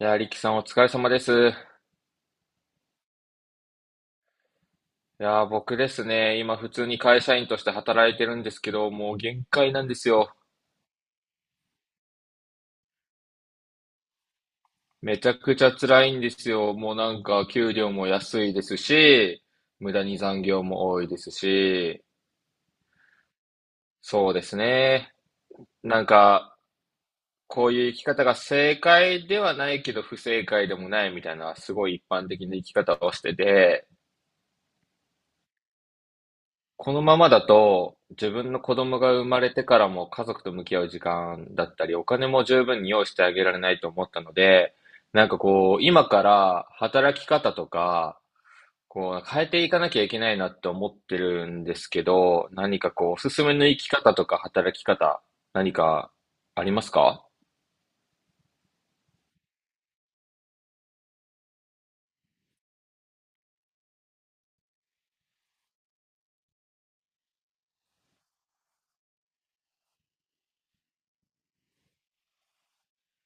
いやー、リキさんお疲れ様です。いやー、僕ですね、今普通に会社員として働いてるんですけど、もう限界なんですよ。めちゃくちゃ辛いんですよ。もうなんか給料も安いですし、無駄に残業も多いですし、そうですね。なんか、こういう生き方が正解ではないけど不正解でもないみたいな、すごい一般的な生き方をしてて、このままだと、自分の子供が生まれてからも家族と向き合う時間だったり、お金も十分に用意してあげられないと思ったので、なんかこう、今から働き方とか、こう、変えていかなきゃいけないなって思ってるんですけど、何かこう、おすすめの生き方とか働き方、何かありますか？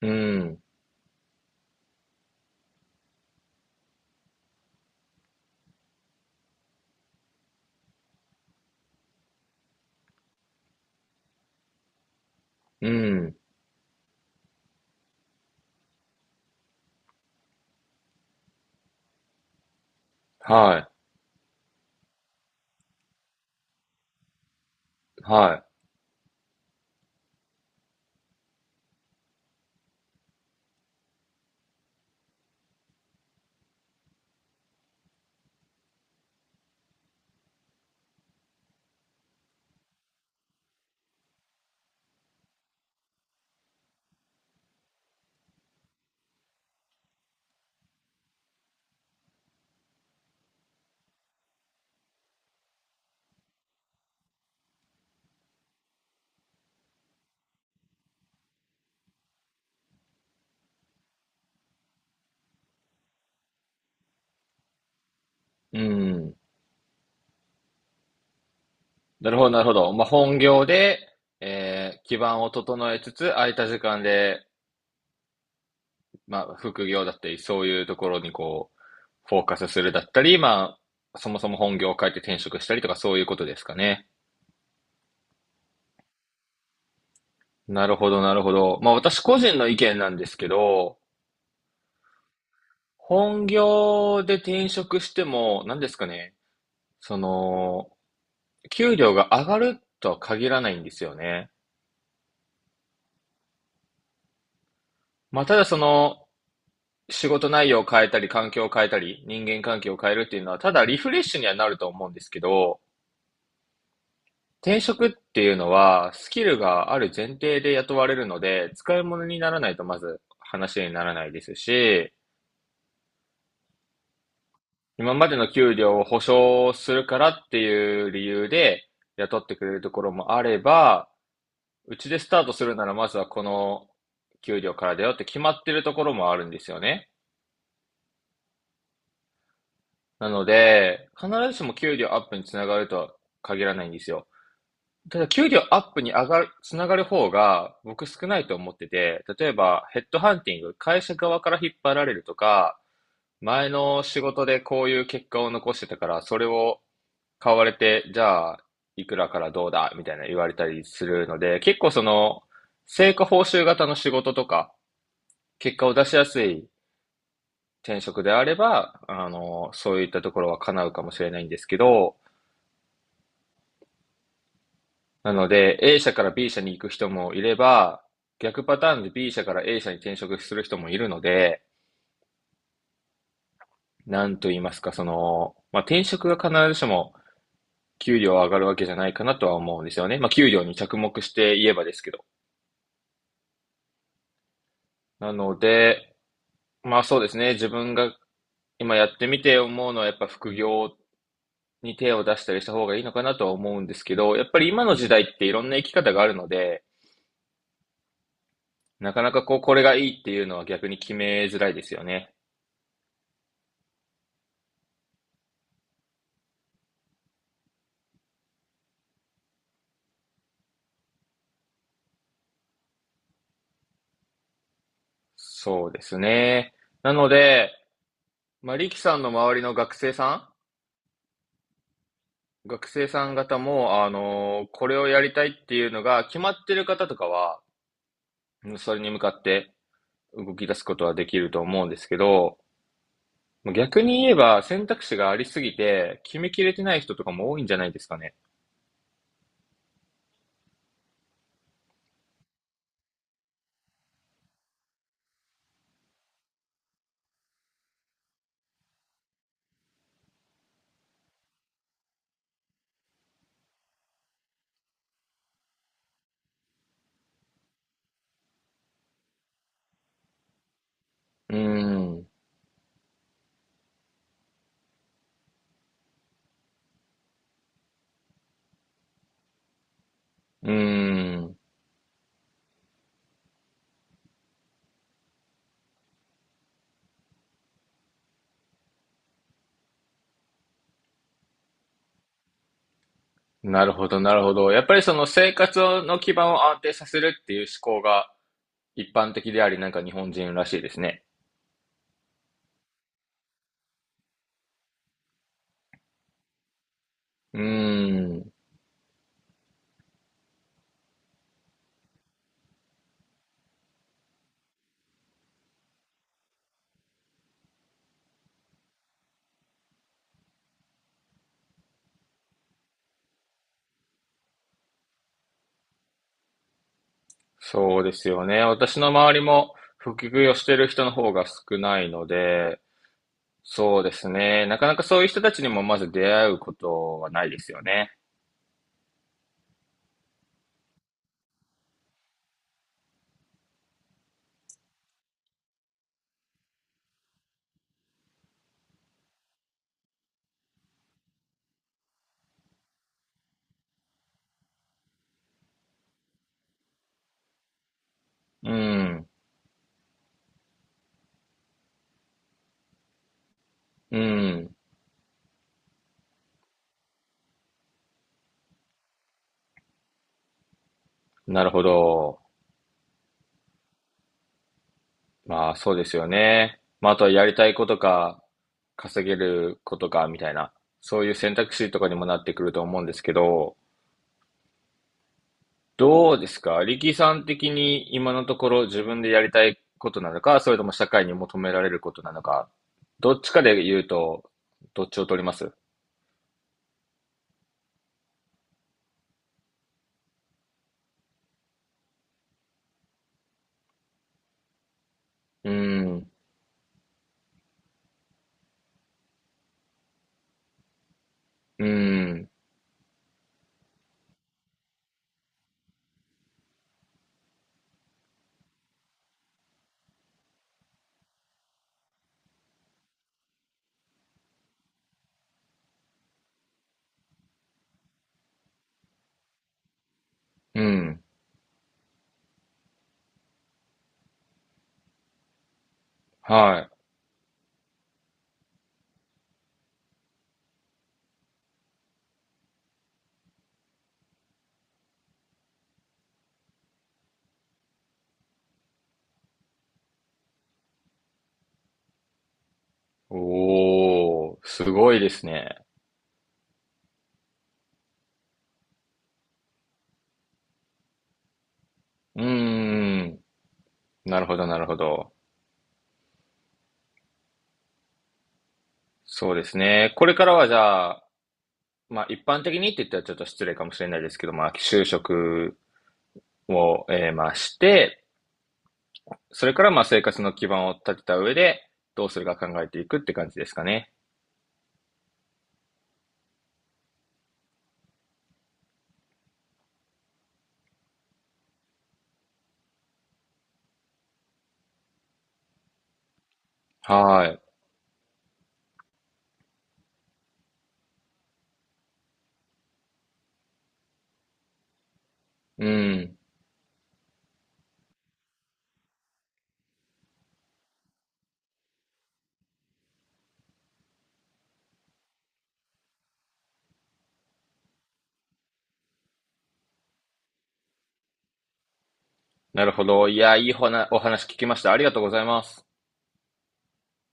うん、うん、はい、はい、うん。なるほど、なるほど。まあ、本業で、基盤を整えつつ、空いた時間でまあ、副業だったり、そういうところにこう、フォーカスするだったり、まあ、そもそも本業を変えて転職したりとか、そういうことですかね。なるほど、なるほど。まあ、私個人の意見なんですけど、本業で転職しても、何ですかね、その、給料が上がるとは限らないんですよね。まあ、ただその、仕事内容を変えたり、環境を変えたり、人間関係を変えるっていうのは、ただリフレッシュにはなると思うんですけど、転職っていうのは、スキルがある前提で雇われるので、使い物にならないとまず話にならないですし、今までの給料を保証するからっていう理由で雇ってくれるところもあれば、うちでスタートするならまずはこの給料からだよって決まってるところもあるんですよね。なので、必ずしも給料アップにつながるとは限らないんですよ。ただ給料アップに上がる、つながる方が僕少ないと思ってて、例えばヘッドハンティング、会社側から引っ張られるとか、前の仕事でこういう結果を残してたから、それを買われて、じゃあ、いくらからどうだみたいな言われたりするので、結構その、成果報酬型の仕事とか、結果を出しやすい転職であれば、そういったところは叶うかもしれないんですけど、なので、A 社から B 社に行く人もいれば、逆パターンで B 社から A 社に転職する人もいるので、なんと言いますか、その、まあ、転職が必ずしも給料上がるわけじゃないかなとは思うんですよね。まあ、給料に着目して言えばですけど。なので、まあそうですね、自分が今やってみて思うのはやっぱ副業に手を出したりした方がいいのかなとは思うんですけど、やっぱり今の時代っていろんな生き方があるので、なかなかこう、これがいいっていうのは逆に決めづらいですよね。そうですね。なので、まあ、リキさんの周りの学生さん方も、これをやりたいっていうのが決まってる方とかは、うん、それに向かって動き出すことはできると思うんですけど、逆に言えば選択肢がありすぎて、決めきれてない人とかも多いんじゃないですかね。うーん。うーん。なるほど、なるほど。やっぱりその生活の基盤を安定させるっていう思考が一般的であり、なんか日本人らしいですね。うーん。そうですよね。私の周りも副業してる人の方が少ないので、そうですね。なかなかそういう人たちにもまず出会うことはないですよね。うん。うん。なるほど。まあそうですよね。まああとはやりたいことか、稼げることかみたいな、そういう選択肢とかにもなってくると思うんですけど、どうですか力さん的に今のところ自分でやりたいことなのか、それとも社会に求められることなのか、どっちかで言うと、どっちを取ります？うーん、うーん、うーん、はい。おー、すごいですね。うーん、なるほど、なるほど。そうですね。これからはじゃあ、まあ一般的にって言ったらちょっと失礼かもしれないですけど、まあ就職を、まあして、それからまあ生活の基盤を立てた上で、どうするか考えていくって感じですかね。はーい。うん。なるほど。いや、いいほなお話聞きました。ありがとうございます。